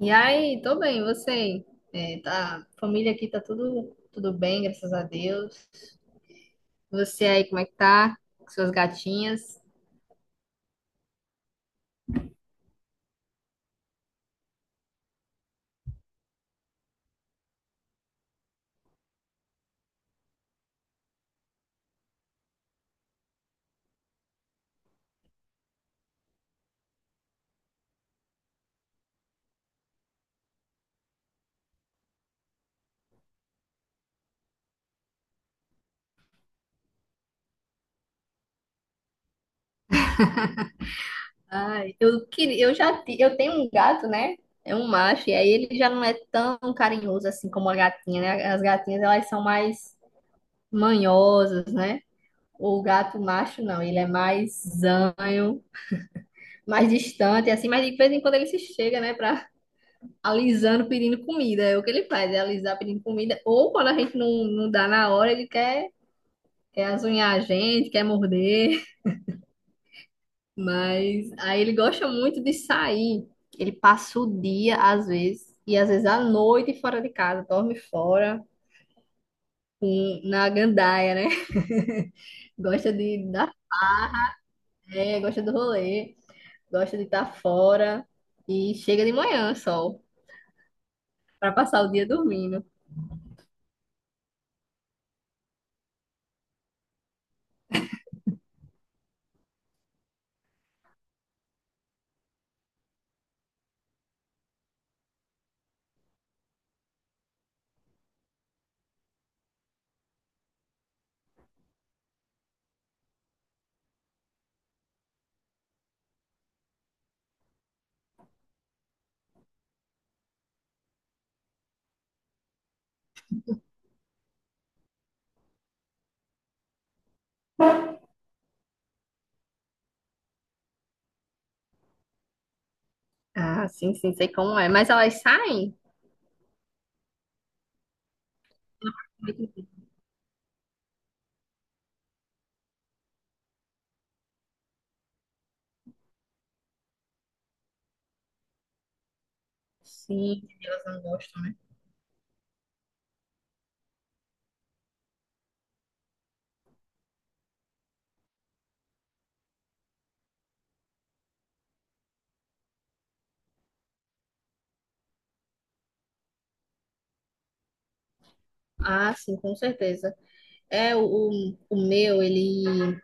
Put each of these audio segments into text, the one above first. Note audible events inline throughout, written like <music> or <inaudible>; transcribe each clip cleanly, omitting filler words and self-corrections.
E aí, tô bem, e você? É, tá, família aqui tá tudo bem, graças a Deus. Você aí, como é que tá? Com suas gatinhas? Ai, eu queria, eu tenho um gato, né? É um macho, e aí ele já não é tão carinhoso assim como a gatinha, né? As gatinhas, elas são mais manhosas, né? O gato macho, não, ele é mais zanho, mais distante, assim, mas de vez em quando ele se chega, né, pra alisando pedindo comida. É o que ele faz, é alisar pedindo comida. Ou quando a gente não dá na hora, ele quer azunhar a gente, quer morder. <laughs> Mas aí ele gosta muito de sair. Ele passa o dia, às vezes, e às vezes à noite fora de casa, dorme fora, na gandaia, né? <laughs> Gosta de dar pé, gosta do rolê, gosta de estar fora. E chega de manhã só, para passar o dia dormindo. Ah, sim, sim, sei como é. Mas elas saem? Sim, elas não gostam. Ah, sim, com certeza. É, o meu, ele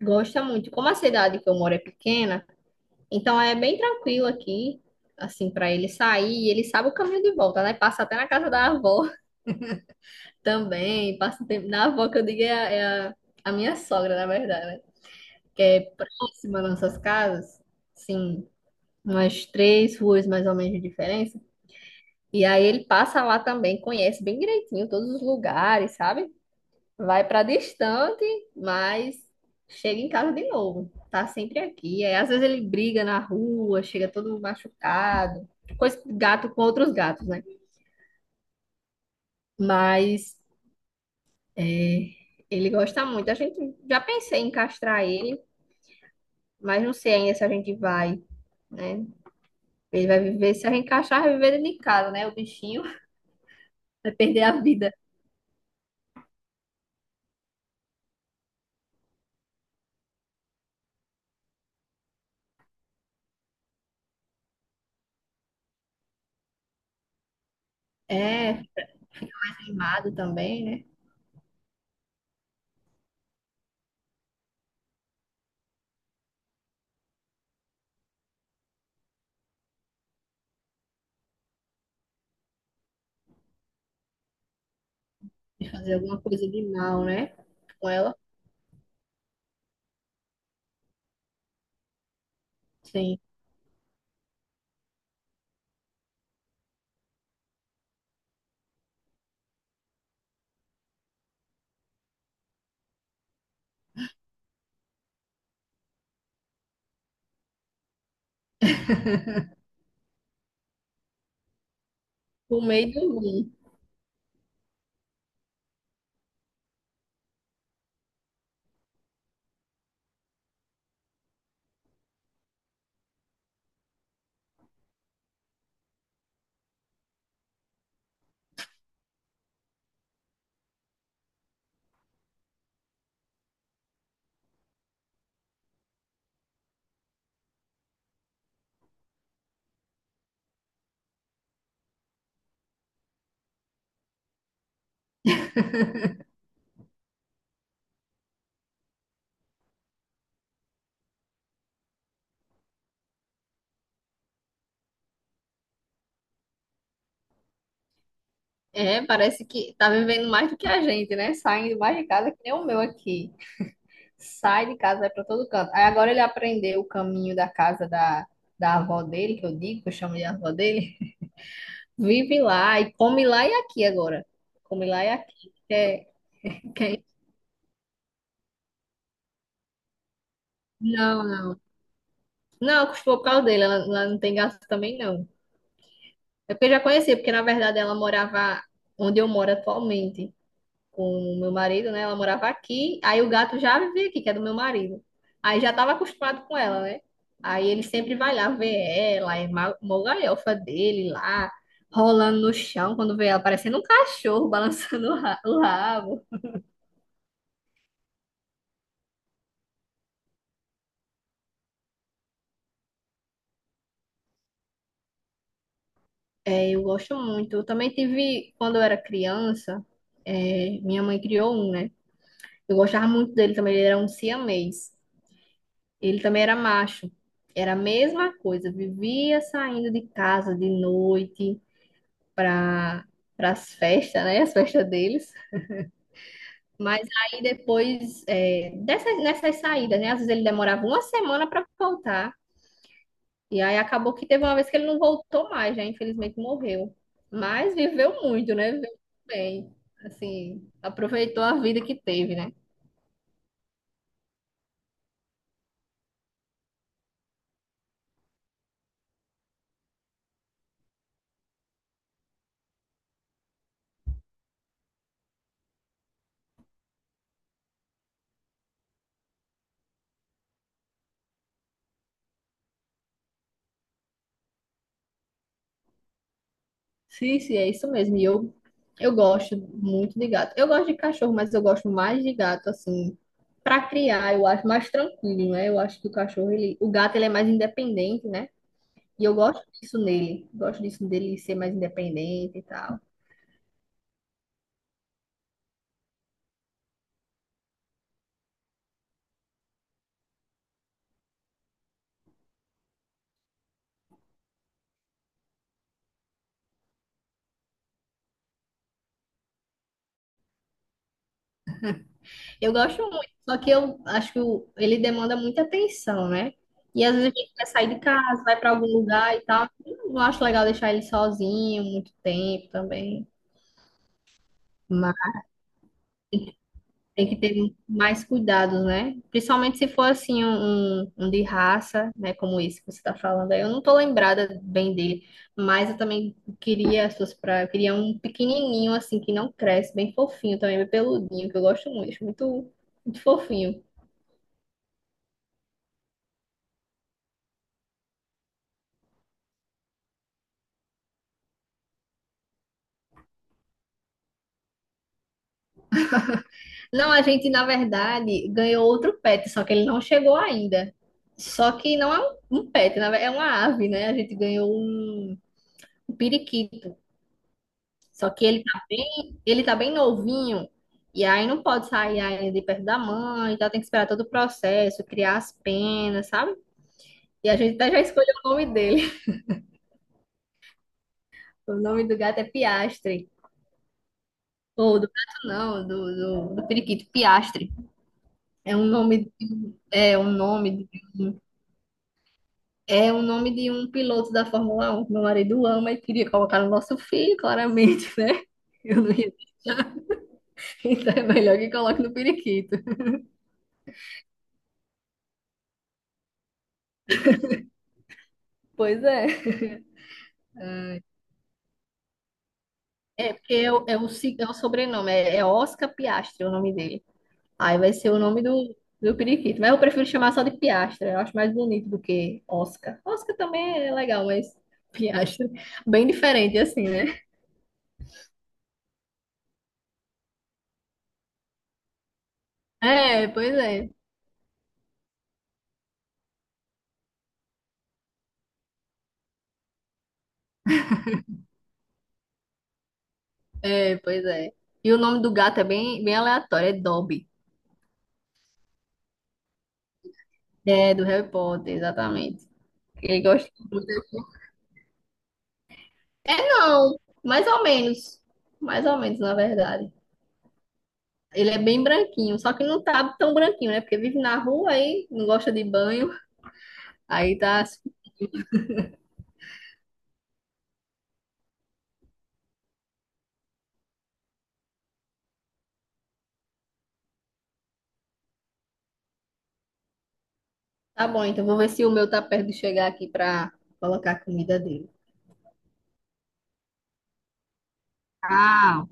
gosta muito. Como a cidade que eu moro é pequena, então é bem tranquilo aqui, assim, para ele sair. E ele sabe o caminho de volta, né? Passa até na casa da avó <laughs> também. Passa tempo na avó, que eu digo, a minha sogra, na verdade, né? Que é próxima das nossas casas, sim, umas três ruas mais ou menos de diferença. E aí ele passa lá também, conhece bem direitinho todos os lugares, sabe? Vai para distante, mas chega em casa de novo. Tá sempre aqui. É, às vezes ele briga na rua, chega todo machucado. Coisa gato com outros gatos, né? Mas é, ele gosta muito. A gente já pensei em castrar ele, mas não sei ainda se a gente vai, né? Ele vai viver, se a gente castrar, vai viver dentro de casa, né? O bichinho <laughs> vai perder a vida. É, queimado também, né? Vai fazer alguma coisa de mal, né? Com ela, sim. Por meio do dormir. É, parece que tá vivendo mais do que a gente, né? Saindo mais de casa que nem o meu aqui. Sai de casa, vai pra todo canto. Aí agora ele aprendeu o caminho da casa da, da avó dele, que eu digo, que eu chamo de avó dele. Vive lá e come lá e aqui agora. Come lá e aqui. É, que- não, não. Não, custou por causa dele. Ela não tem gasto também, não. É porque eu já conhecia, porque na verdade ela morava onde eu moro atualmente com o meu marido, né? Ela morava aqui, aí o gato já vivia aqui, que é do meu marido. Aí já estava acostumado com ela, né? Aí ele sempre vai lá ver ela, é ma- mó galhofa dele lá, rolando no chão quando vê ela, parecendo um cachorro <laughs> balançando o rabo. É, eu gosto muito. Eu também tive, quando eu era criança, é, minha mãe criou um, né? Eu gostava muito dele também, ele era um siamês. Ele também era macho. Era a mesma coisa, vivia saindo de casa de noite, para as festas, né? As festas deles. Mas aí depois, é, dessas, nessas saídas, né? Às vezes ele demorava uma semana para voltar. E aí acabou que teve uma vez que ele não voltou mais, né? Infelizmente morreu. Mas viveu muito, né? Viveu muito bem. Assim, aproveitou a vida que teve, né? Sim, sim, é isso mesmo. E eu gosto muito de gato. Eu gosto de cachorro, mas eu gosto mais de gato, assim, para criar, eu acho mais tranquilo, né? Eu acho que o cachorro, ele, o gato, ele é mais independente, né? E eu gosto disso nele. Gosto disso dele ser mais independente e tal. Eu gosto muito, só que eu acho que ele demanda muita atenção, né? E às vezes a gente quer sair de casa, vai para algum lugar e tal. Eu não acho legal deixar ele sozinho muito tempo também. Tem que ter mais cuidados, né? Principalmente se for assim um, um de raça, né? Como esse que você está falando aí. Eu não tô lembrada bem dele, mas eu também queria as suas pra eu queria um pequenininho assim que não cresce, bem fofinho também, bem peludinho, que eu gosto muito, acho muito, muito fofinho. Não, a gente na verdade ganhou outro pet, só que ele não chegou ainda. Só que não é um pet, na verdade, é uma ave, né? A gente ganhou um periquito. Só que ele tá bem novinho. E aí não pode sair ainda de perto da mãe, então tem que esperar todo o processo, criar as penas, sabe? E a gente até já escolheu o nome dele. <laughs> O nome do gato é Piastre. Ou do gato não, do periquito, Piastre. É um nome, de- um, é um nome, de- é um nome de um piloto da Fórmula 1 meu marido ama e queria colocar no nosso filho, claramente, né? Eu não ia deixar, <laughs> então é melhor que coloque no periquito. Pois é. É, porque é o sobrenome, é Oscar Piastri o nome dele. Aí vai ser o nome do, do periquito. Mas eu prefiro chamar só de Piastra, eu acho mais bonito do que Oscar. Oscar também é legal, mas <laughs> Piastra, bem diferente assim, né? É, pois é. É, pois é. E o nome do gato é bem, bem aleatório, é Dobby. É, do Harry Potter, exatamente. Ele gosta muito. É, não, mais ou menos. Mais ou menos, na verdade. Ele é bem branquinho, só que não tá tão branquinho, né? Porque vive na rua aí, não gosta de banho. Aí tá, tá bom, então vou ver se o meu tá perto de chegar aqui pra colocar a comida dele. Tchau.